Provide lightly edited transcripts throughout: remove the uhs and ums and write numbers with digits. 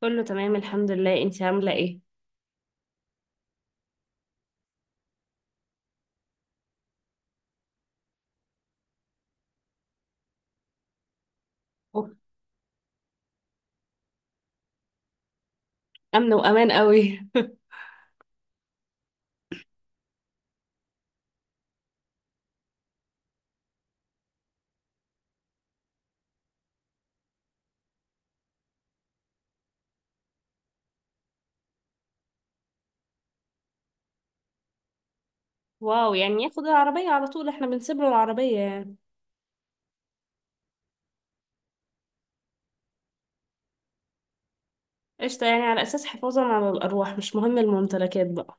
كله تمام الحمد لله، انتي عاملة ايه؟ أوه. أمن وأمان قوي واو، يعني ياخد العربية على طول، احنا بنسيب له العربية يعني. قشطة، يعني على أساس حفاظا على الأرواح، مش مهم الممتلكات بقى.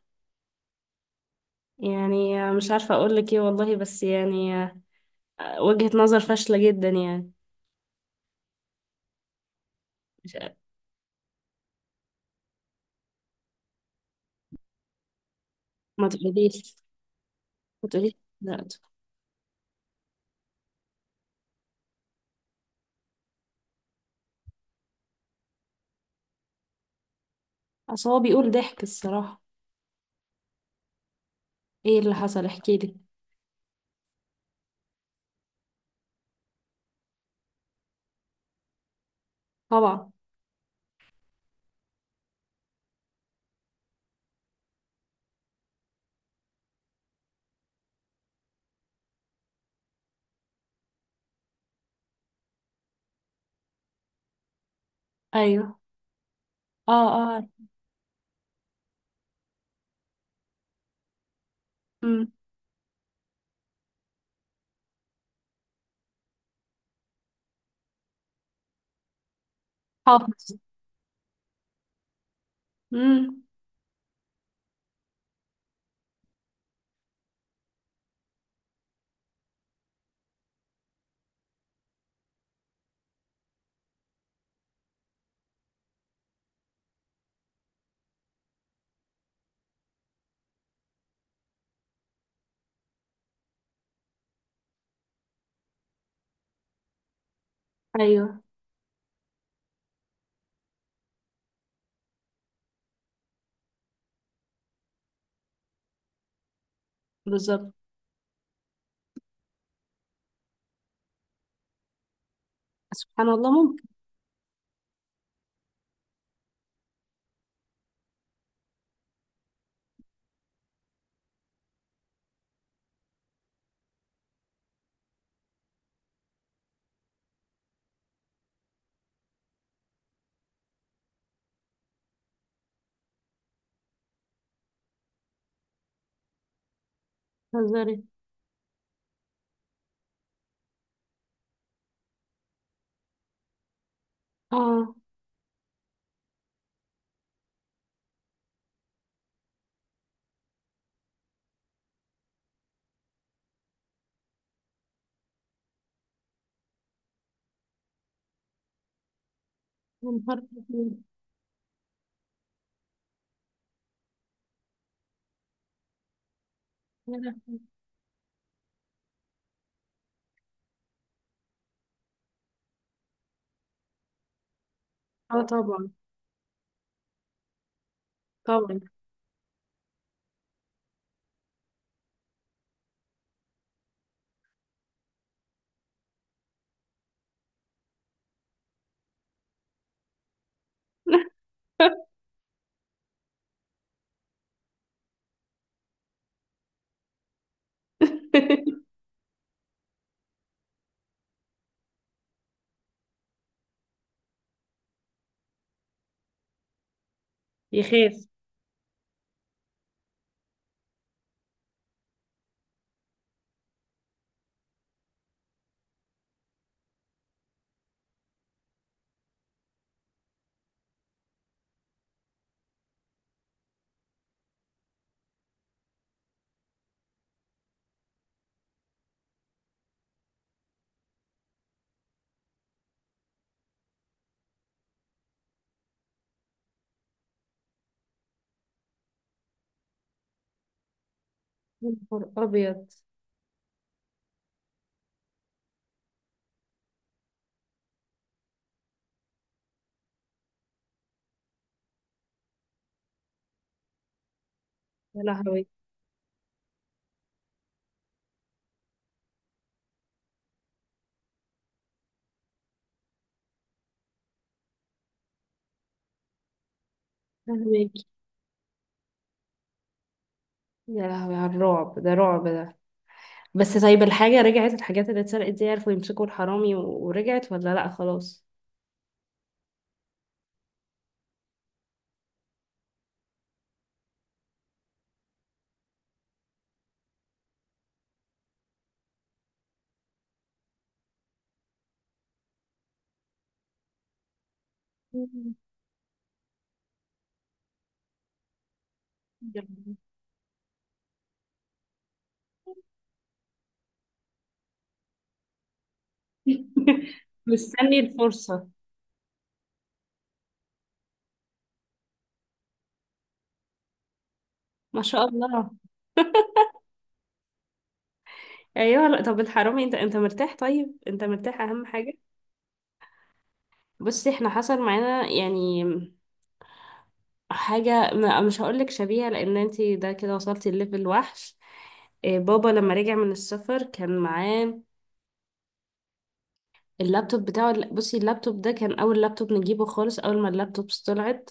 يعني مش عارفة أقولك ايه والله، بس يعني وجهة نظر فاشلة جدا يعني. مش. ما تقوليش ما تقوليش. لا. أصل هو بيقول ضحك الصراحة. ايه اللي حصل احكيلي؟ طبعا. أيوه. اه اه. أمم. حافظ. امم. أيوه. بالظبط. سبحان الله، ممكن. تهزري؟ اه. يا نهار أبيض. يا لهوي. اه طبعا. طبعا. يخاف. يا نهار ابيض. يا لهوي. فهماكي. يا لهوي على الرعب ده، رعب ده. بس طيب، الحاجة رجعت؟ الحاجات اللي اتسرقت دي عرفوا يمسكوا الحرامي ورجعت ولا لا خلاص؟ مم. مستني الفرصة. ما شاء الله. ايوه. لا طب الحرامي، انت مرتاح، طيب انت مرتاح اهم حاجة. بصي، احنا حصل معانا يعني حاجة مش هقولك شبيهة، لأن انتي ده كده وصلتي لليفل وحش. إيه، بابا لما رجع من السفر كان معاه اللابتوب بتاعه. بصي، اللابتوب ده كان أول لابتوب نجيبه خالص، أول ما اللابتوبس طلعت.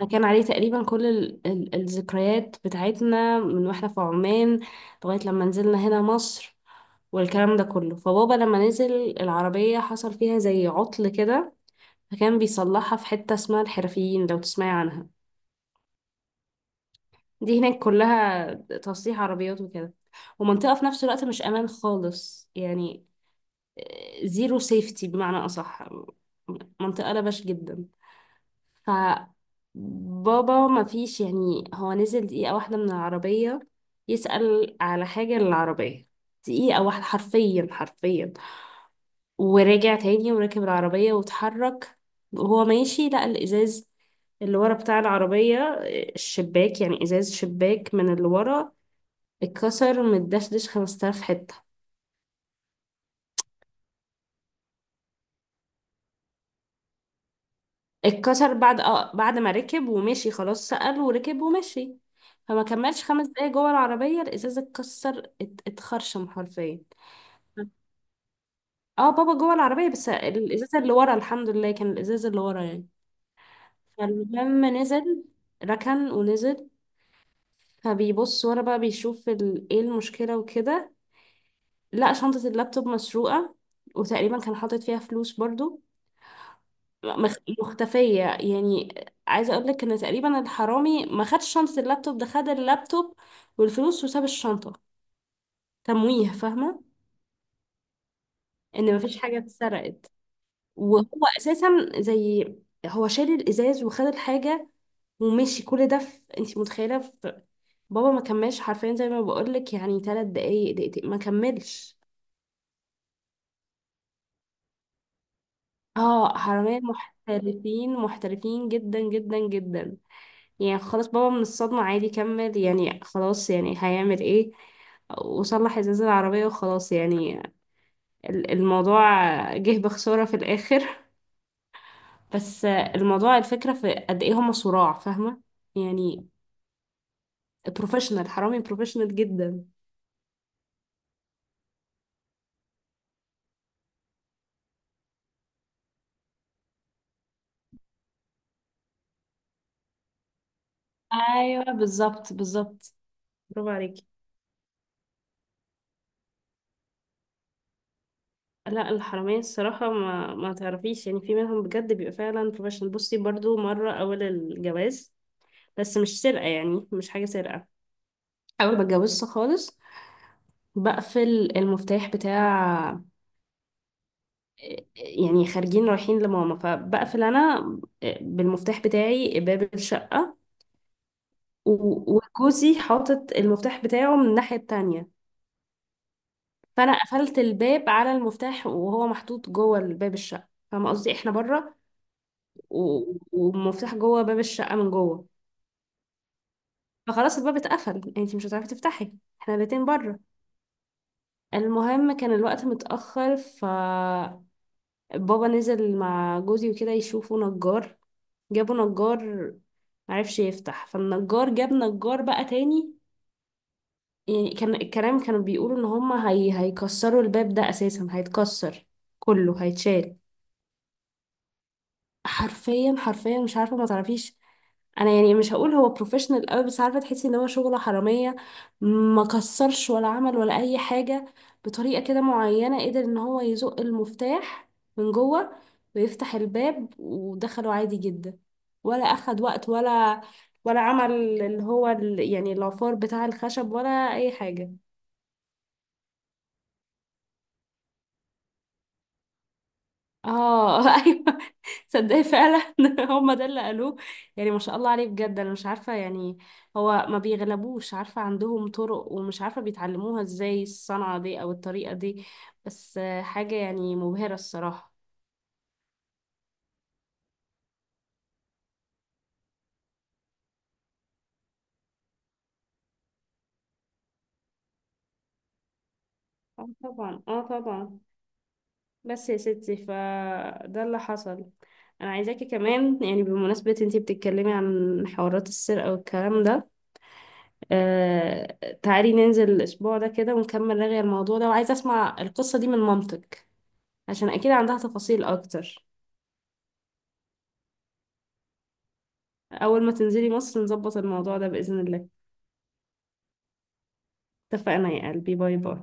فكان عليه تقريبا كل ال الذكريات بتاعتنا من واحنا في عمان لغاية لما نزلنا هنا مصر والكلام ده كله. فبابا لما نزل، العربية حصل فيها زي عطل كده، فكان بيصلحها في حتة اسمها الحرفيين، لو تسمعي عنها. دي هناك كلها تصليح عربيات وكده، ومنطقة في نفس الوقت مش أمان خالص يعني، زيرو سيفتي بمعنى أصح، منطقة لبش جدا. ف بابا ما فيش، يعني هو نزل دقيقة واحدة من العربية يسأل على حاجة للعربية، دقيقة واحدة حرفيا حرفيا، ورجع تاني وركب العربية واتحرك. وهو ماشي لقى الإزاز اللي ورا بتاع العربية، الشباك يعني، إزاز شباك من اللي ورا، اتكسر، متدشدش 5000 حتة. اتكسر بعد، ما ركب ومشي، خلاص سأل وركب ومشي. فما كملش خمس دقايق جوه العربية الإزازة اتكسر، اتخرشم حرفيا. اه، بابا جوه العربية بس الإزازة اللي ورا، الحمد لله كان الإزازة اللي ورا يعني. فلما نزل، ركن ونزل، فبيبص ورا بقى، بيشوف ايه المشكلة وكده. لقى شنطة اللابتوب مسروقة، وتقريبا كان حاطط فيها فلوس برضو، مختفية يعني. عايزة اقول لك ان تقريبا الحرامي ما خدش شنطة اللابتوب، ده خد اللابتوب والفلوس وساب الشنطة، تمويه، فاهمة، ان مفيش حاجة اتسرقت. وهو اساسا زي، هو شال الازاز وخد الحاجة ومشي، كل ده، في، انت متخيلة، في، بابا ما كملش حرفيا زي ما بقول لك، يعني ثلاث دقايق، دقيقتين ما كملش. اه، حرامية محترفين، محترفين جدا جدا جدا. يعني خلاص بابا من الصدمة عادي كمل، يعني خلاص، يعني هيعمل ايه، وصلح ازاز العربية وخلاص يعني، الموضوع جه بخسارة في الآخر. بس الموضوع الفكرة في قد ايه هما صراع، فاهمة، يعني بروفيشنال، حرامي بروفيشنال جدا. ايوه بالظبط بالظبط. برافو عليكي. لا، الحرامية الصراحة ما تعرفيش، يعني في منهم بجد بيبقى فعلا بروفيشنال. بصي، برضو مرة أول الجواز، بس مش سرقة يعني، مش حاجة سرقة، أول ما اتجوزت خالص، بقفل المفتاح بتاع، يعني خارجين رايحين لماما، فبقفل انا بالمفتاح بتاعي باب الشقة، وجوزي حاطط المفتاح بتاعه من الناحية التانية. فانا قفلت الباب على المفتاح، وهو محطوط جوه الباب، الشقة، فاهمة قصدي، احنا بره و- والمفتاح جوه باب الشقة من جوه، فخلاص الباب اتقفل، انتي مش هتعرفي تفتحي، احنا الاتنين بره. المهم، كان الوقت متأخر، فبابا نزل مع جوزي وكده يشوفوا نجار، جابوا نجار، معرفش يفتح، فالنجار جاب نجار بقى تاني. يعني كان الكلام، كانوا بيقولوا ان هما هيكسروا الباب، ده اساسا هيتكسر، كله هيتشال، حرفيا حرفيا. مش عارفه، ما تعرفيش، انا يعني مش هقول هو بروفيشنال قوي، بس عارفه تحسي ان هو شغله حراميه. ما كسرش ولا عمل ولا اي حاجه، بطريقه كده معينه قدر ان هو يزق المفتاح من جوه ويفتح الباب، ودخلوا عادي جدا. ولا اخد وقت ولا عمل، اللي هو يعني العفار بتاع الخشب، ولا اي حاجه. اه ايوه، تصدقي فعلا هما ده اللي قالوه. يعني ما شاء الله عليه بجد، انا مش عارفه يعني، هو ما بيغلبوش، عارفه عندهم طرق، ومش عارفه بيتعلموها ازاي الصنعه دي او الطريقه دي. بس حاجه يعني مبهره الصراحه. اه طبعا، اه طبعا. بس يا ستي فده اللي حصل. انا عايزاكي كمان، يعني بمناسبه انتي بتتكلمي عن حوارات السرقه والكلام ده، آه، تعالي ننزل الأسبوع ده كده ونكمل رغي الموضوع ده، وعايزة أسمع القصة دي من مامتك عشان أكيد عندها تفاصيل أكتر. أول ما تنزلي مصر نظبط الموضوع ده بإذن الله. اتفقنا يا قلبي، باي باي.